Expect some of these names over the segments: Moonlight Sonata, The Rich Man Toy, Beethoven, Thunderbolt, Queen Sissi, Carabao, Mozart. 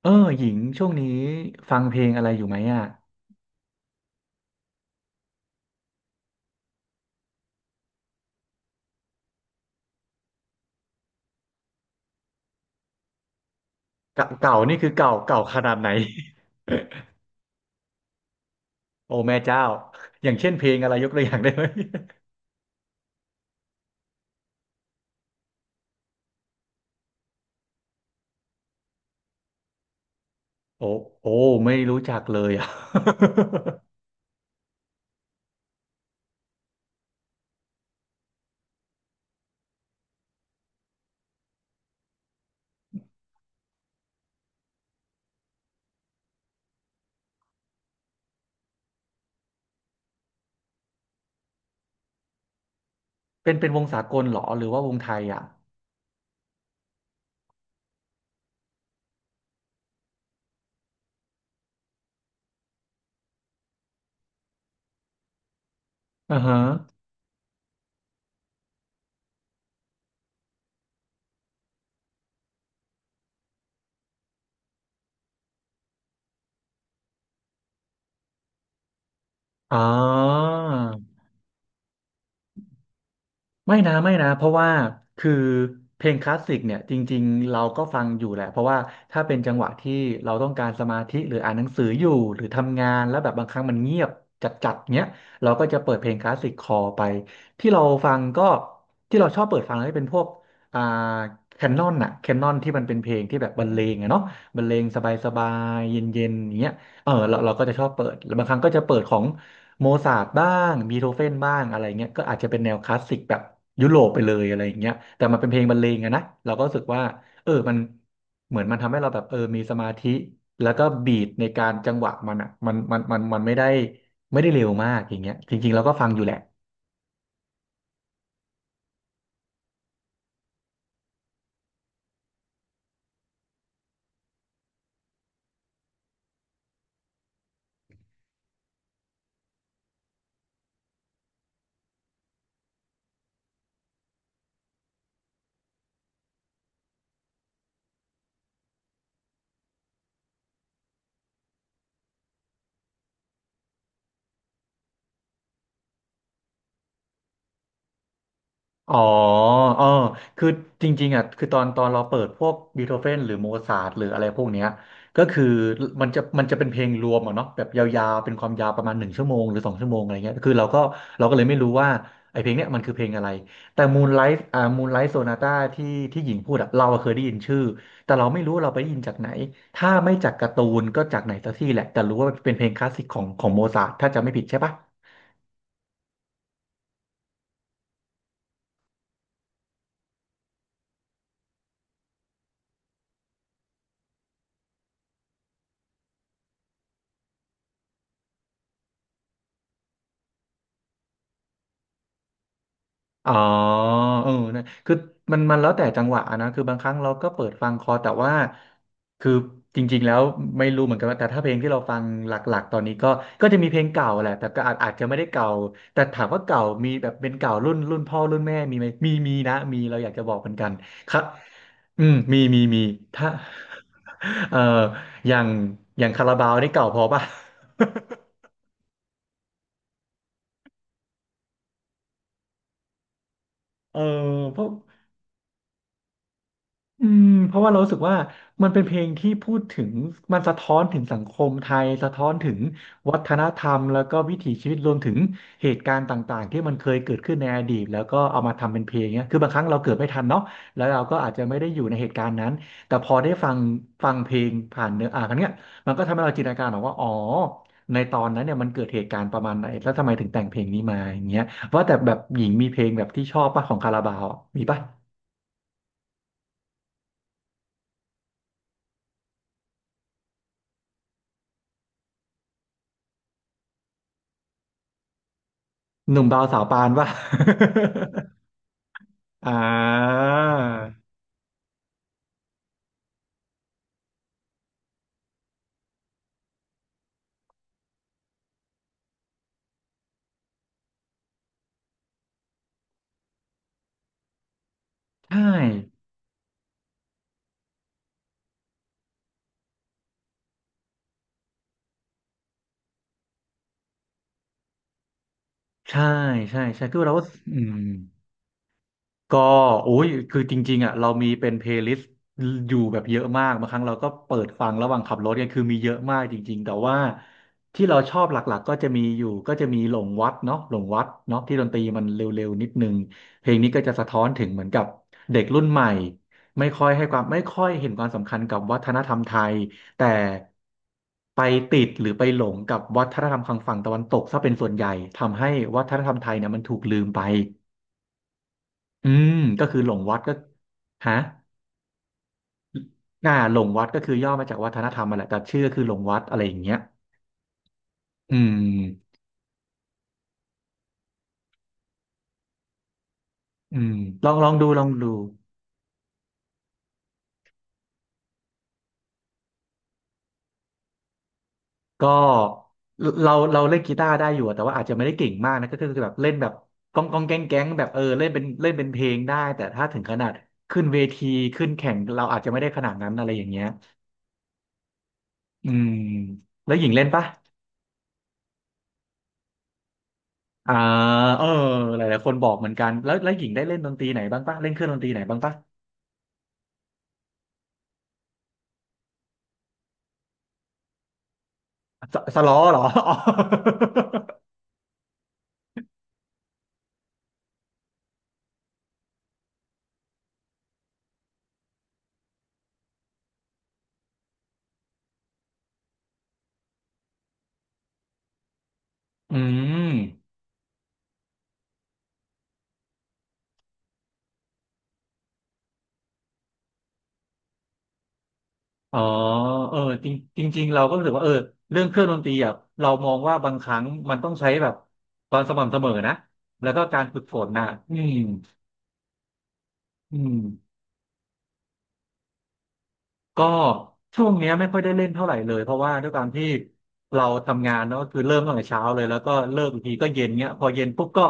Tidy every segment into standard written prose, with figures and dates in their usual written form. เออหญิงช่วงนี้ฟังเพลงอะไรอยู่ไหมอ่ะเก่าเก่านี่คือเก่าเก่าขนาดไหน โอ้แม่เจ้าอย่างเช่นเพลงอะไรยกตัวอย่างได้ไหม โอ้โอ้ไม่รู้จักเลยอ่ะ เป็นวงสากลเหรอหรือว่าวงไทยอ่ะอ่าฮะอ๋อ ไม่นะไม่นะเพราะว่าคือเพลงคลาสสิกเนี่ยจริงๆเราก็ฟังอยู่แหละเพราะว่าถ้าเป็นจังหวะที่เราต้องการสมาธิหรืออ่านหนังสืออยู่หรือทำงานแล้วแบบบางครั้งมันเงียบจัดๆเงี้ยเราก็จะเปิดเพลงคลาสสิกคอไปที่เราฟังก็ที่เราชอบเปิดฟังก็เป็นพวกอ่าแคนนอนอะแคนนอนที่มันเป็นเพลงที่แบบบรรเลงอะเนาะบรรเลงสบายๆเย็นๆอย่างเงี้ยเออเราก็จะชอบเปิดแล้วบางครั้งก็จะเปิดของ โมซาร์ทบ้างบีโธเฟนบ้างอะไรเงี้ยก็อาจจะเป็นแนวคลาสสิกแบบยุโรปไปเลยอะไรเงี้ยแต่มันเป็นเพลงบรรเลงอะนะเราก็รู้สึกว่าเออมันเหมือนมันทำให้เราแบบเออมีสมาธิแล้วก็บีทในการจังหวะมันอ่ะมันไม่ได้เร็วมากอย่างเงี้ยจริงๆเราก็ฟังอยู่แหละ อ๋อเออคือจริงๆอ่ะ คือตอนเราเปิดพวกบีโธเฟนหรือโมซาร์ทหรืออะไรพวกเนี้ยก็คือมันจะเป็นเพลงรวมอ่ะเนาะแบบยาวๆเป็นความยาวประมาณหนึ่งชั่วโมงหรือสองชั่วโมงอะไรเงี้ยคือเราก็เลยไม่รู้ว่าไอเพลงเนี้ยมันคือเพลงอะไร แต่มูนไลท์มูนไลท์โซนาต้าที่หญิงพูดอ่ะเราอะเคยได้ยินชื่อ แต่เราไม่รู้ว่าเราไปได้ยินจากไหน ถ้าไม่จากการ์ตูนก็จากไหนสักที่แหละแต่รู้ว่าเป็นเพลงคลาสสิกของโมซาร์ทถ้าจำไม่ผิดใช่ปะ อ๋อเออนะคือมันแล้วแต่จังหวะนะคือบางครั้งเราก็เปิดฟังคอแต่ว่าคือจริงๆแล้วไม่รู้เหมือนกันว่าแต่ถ้าเพลงที่เราฟังหลักๆตอนนี้ก็ก็จะมีเพลงเก่าแหละแต่ก็อาจจะไม่ได้เก่าแต่ถามว่าเก่ามีแบบเป็นเก่ารุ่นพ่อรุ่นแม่มีไหมมีนะมีเราอยากจะบอกเหมือนกันครับอืมมีถ้า เอ่ออย่างอย่างคาราบาวนี่เก่าพอป่ะ เออพวก อืมเพราะว่าเรารู้สึกว่ามันเป็นเพลงที่พูดถึงมันสะท้อนถึงสังคมไทยสะท้อนถึงวัฒนธรรมแล้วก็วิถีชีวิตรวมถึงเหตุการณ์ต่างๆที่มันเคยเกิดขึ้นในอดีตแล้วก็เอามาทำเป็นเพลงเนี้ยคือบางครั้งเราเกิดไม่ทันเนาะแล้วเราก็อาจจะไม่ได้อยู่ในเหตุการณ์นั้นแต่พอได้ฟังเพลงผ่านเนื้ออ่านเนี้ยมันก็ทำให้เราจินตนาการออกว่าอ๋อในตอนนั้นเนี่ยมันเกิดเหตุการณ์ประมาณไหนแล้วทำไมถึงแต่งเพลงนี้มาอย่างเงี้ยว่าแต่แบบหญิงมีเพลงแบบที่ชอบป่ะของคาราบาวอะมีป่ะ หนุ่มบาวสาวปานป่ะ อ่าใช่ใช่ ใช่ ใช่คือเราก็อืม ก็โอ้ยคือจริงๆอ่ะเรามีเป็นเพลย์ลิสต์อยู่แบบเยอะมากบางครั้งเราก็เปิดฟังระหว่างขับรถเนี่ยคือมีเยอะมากจริงๆแต่ว่าที่เราชอบหลักๆก็จะมีอยู่ก็จะมีหลงวัดเนาะหลงวัดเนาะที่ดนตรีมันเร็วๆนิดนึงเพลงนี้ก็จะสะท้อนถึงเหมือนกับเด็กรุ่นใหม่ไม่ค่อยให้ความไม่ค่อยเห็นความสำคัญกับวัฒนธรรมไทยแต่ไปติดหรือไปหลงกับวัฒนธรรมทางฝั่งตะวันตกซะเป็นส่วนใหญ่ทำให้วัฒนธรรมไทยเนี่ยมันถูกลืมไป อืมก็คือหลงวัดก็ฮะน่าหลงวัดก็คือย่อมาจากวัฒนธรรมมาแหละแต่ชื่อก็คือหลงวัดอะไรอย่างเงี้ยอืมอืมลองลองดูก็เราเล่นกีตาร์ได้อยู่อะแต่ว่าอาจจะไม่ได้เก่งมากนะก็คือแบบเล่นแบบก้องก้องแก๊งแก๊งแบบเออเล่นเป็นเพลงได้แต่ถ้าถึงขนาดขึ้นเวทีขึ้นแข่งเราอาจจะไม่ได้ขนาดนั้นอะไรอย่างเงี้ยอืมแล้วหญิงเล่นปะอ่าเออหลายๆคนบอกเหมือนกันแล้วหญิงได้เล่นดนตรีไหนบ้างปะเล่นเครื่องดนตรีไหนบ้างปะ สสล้อเหรอ อ๋ออืมอ๋อเออจริงจริงๆเราก็รู้สึกว่าเออเรื่องเครื่องดนตรีอ่ะเรามองว่าบางครั้งมันต้องใช้แบบความสม่ำเสมอนะแล้วก็การฝึกฝนนะอืมอืม ก็ช่วงเนี้ยไม่ค่อยได้เล่นเท่าไหร่เลยเพราะว่าด้วยการที่เราทำงานเนาะก็คือเริ่มตั้งแต่เช้าเลยแล้วก็เลิกอีกทีก็เย็นเงี้ยพอเย็นปุ๊บก็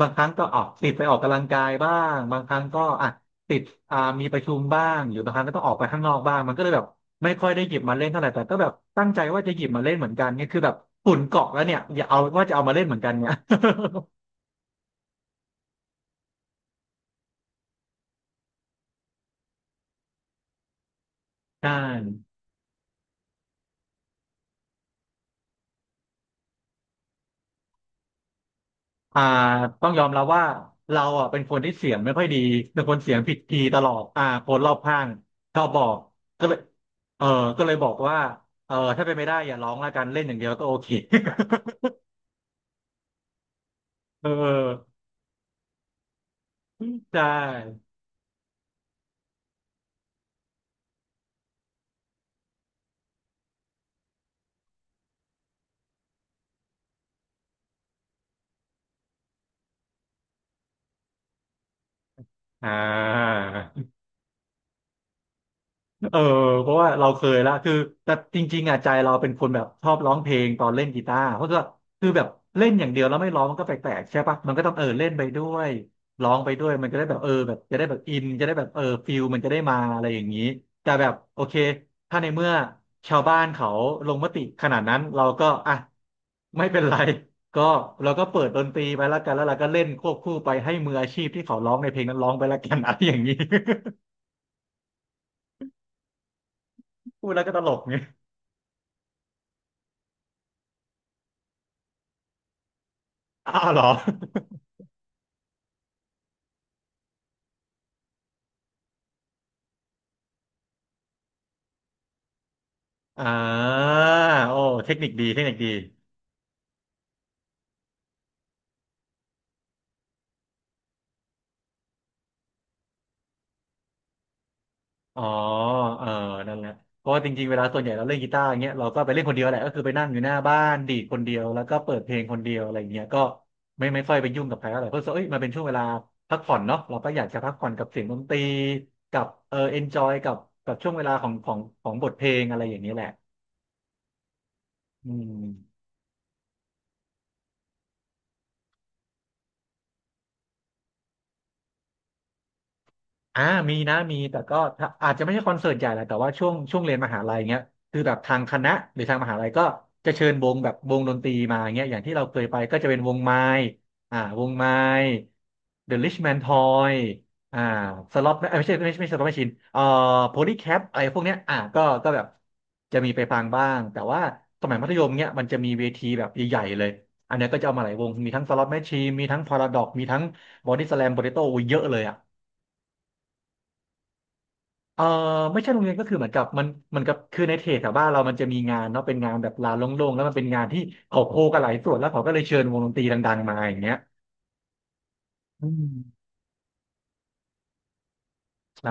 บางครั้งก็ออกติดไปออกกำลังกายบ้างบางครั้งก็อ่ะติดมีประชุมบ้างหรือบางครั้งก็ต้องออกไปข้างนอกบ้างมันก็เลยแบบไม่ค่อยได้หยิบมาเล่นเท่าไหร่แต่ก็แบบตั้งใจว่าจะหยิบมาเล่นเหมือนกันเนี่ยคือแบบฝุ่นเกาะแล้วเนี่ยอย่าเอาว่าจะเอามาเล่นเหมือนกันเนี่ย ใช่ อ่าต้องยอมรับว่าเราอ่ะเป็นคนที่เสียงไม่ค่อยดี เป็นคนเสียงผิดคีย์ตลอดคนรอบข้างชอบบอกก็เลยเออก็เลยบอกว่าเออถ้าเป็นไม่ได้อย่าร้องละกันเล่นอย่างเดียวก็โอเค เออใช่อ่า เออเพราะว่าเราเคยละคือแต่จริงๆอ่ะใจเราเป็นคนแบบชอบร้องเพลงตอนเล่นกีตาร์เพราะว่าคือแบบเล่นอย่างเดียวแล้วไม่ร้องมันก็แปลกๆใช่ปะมันก็ต้องเออเล่นไปด้วยร้องไปด้วยมันก็ได้แบบเออแบบจะได้แบบอินจะได้แบบเออฟิลมันจะได้มาอะไรอย่างนี้แต่แบบโอเคถ้าในเมื่อชาวบ้านเขาลงมติขนาดนั้นเราก็อ่ะไม่เป็นไรก็เราก็เปิดดนตรีไปแล้วกันแล้วเราก็เล่นควบคู่ไปให้มืออาชีพที่เขาร้องในเพลงนั้นร้องไปแล้วกันอะไรอย่างนี้ พูดแล้วก็ตลกเนี่ยอ้าวเหรอ อ่าโอ้เทคนิคดีเทคนิคดีอ๋อเออนั่นแหละเพราะว่าจริงๆเวลาส่วนใหญ่เราเล่นกีตาร์อย่างเงี้ยเราก็ไปเล่นคนเดียวแหละก็คือไปนั่งอยู่หน้าบ้านดีดคนเดียวแล้วก็เปิดเพลงคนเดียวอะไรเงี้ยก็ไม่ค่อยไปยุ่งกับใครเท่าไหร่เพราะรู้สึกว่าเอ้ยมันเป็นช่วงเวลาพักผ่อนเนาะเราก็อยากจะพักผ่อนกับเสียงดนตรีกับเออเอนจอยกับช่วงเวลาของบทเพลงอะไรอย่างนี้แหละอืม อ่ามีนะมีแต่ก็ถ้าอาจจะไม่ใช่คอนเสิร์ตใหญ่แหละแต่ว่าช่วงเรียนมหาลัยเงี้ยคือแบบทางคณะหรือทางมหาลัยก็จะเชิญวงแบบวงดนตรีมาเงี้ยอย่างที่เราเคยไปก็จะเป็นวงไม้อ่าวงไม้ The Rich Man Toy อ่าสล็อตไม่ใช่ไม่ใช่สล็อตแมชชีนโพลีแคปอะไรพวกเนี้ยอ่าก็แบบจะมีไปฟังบ้างแต่ว่าสมัยมัธยมเนี้ยมันจะมีเวทีแบบใหญ่ๆเลยอันเนี้ยก็จะเอามาหลายวงมีทั้งสล็อตแมชชีนมีทั้งพาราดอกมีทั้งบอดี้สแลมโปเตโต้เยอะเลยอ่ะ เออไม่ใช่โรงเรียนก็คือเหมือนกับมันมืนกับคือในเทศแถวบ้านเรามันจะมีงานเนาะเป็นงานแบบลานโล่งๆแล้วมันเป็นงานที่เขาโคกันหลายส่วนแล้วเขาก็เลยเชิญวงดนตรีดังๆมาอย่างเงี้ยอืมใช่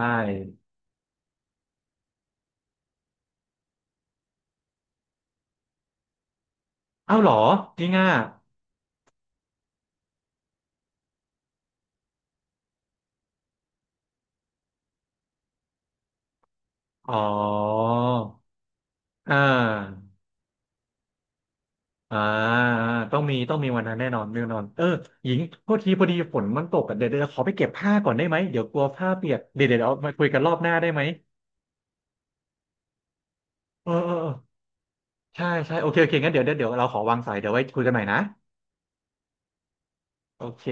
เอ้าเหรอจริงอ่ะอ๋ออ่าอ่าต้องมีต้องมีวันนั้นแน่นอนแน่นอนเออหญิงโทษทีพอดีฝนมันตกอะเดี๋ยวขอไปเก็บผ้าก่อนได้ไหมเดี๋ยวกลัวผ้าเปียกเดี๋ยวเอามาคุยกันรอบหน้าได้ไหมเออเออเออใช่ใช่โอเคโอเคงั้นเดี๋ยวเราขอวางสายเดี๋ยวไว้คุยกันใหม่นะโอเค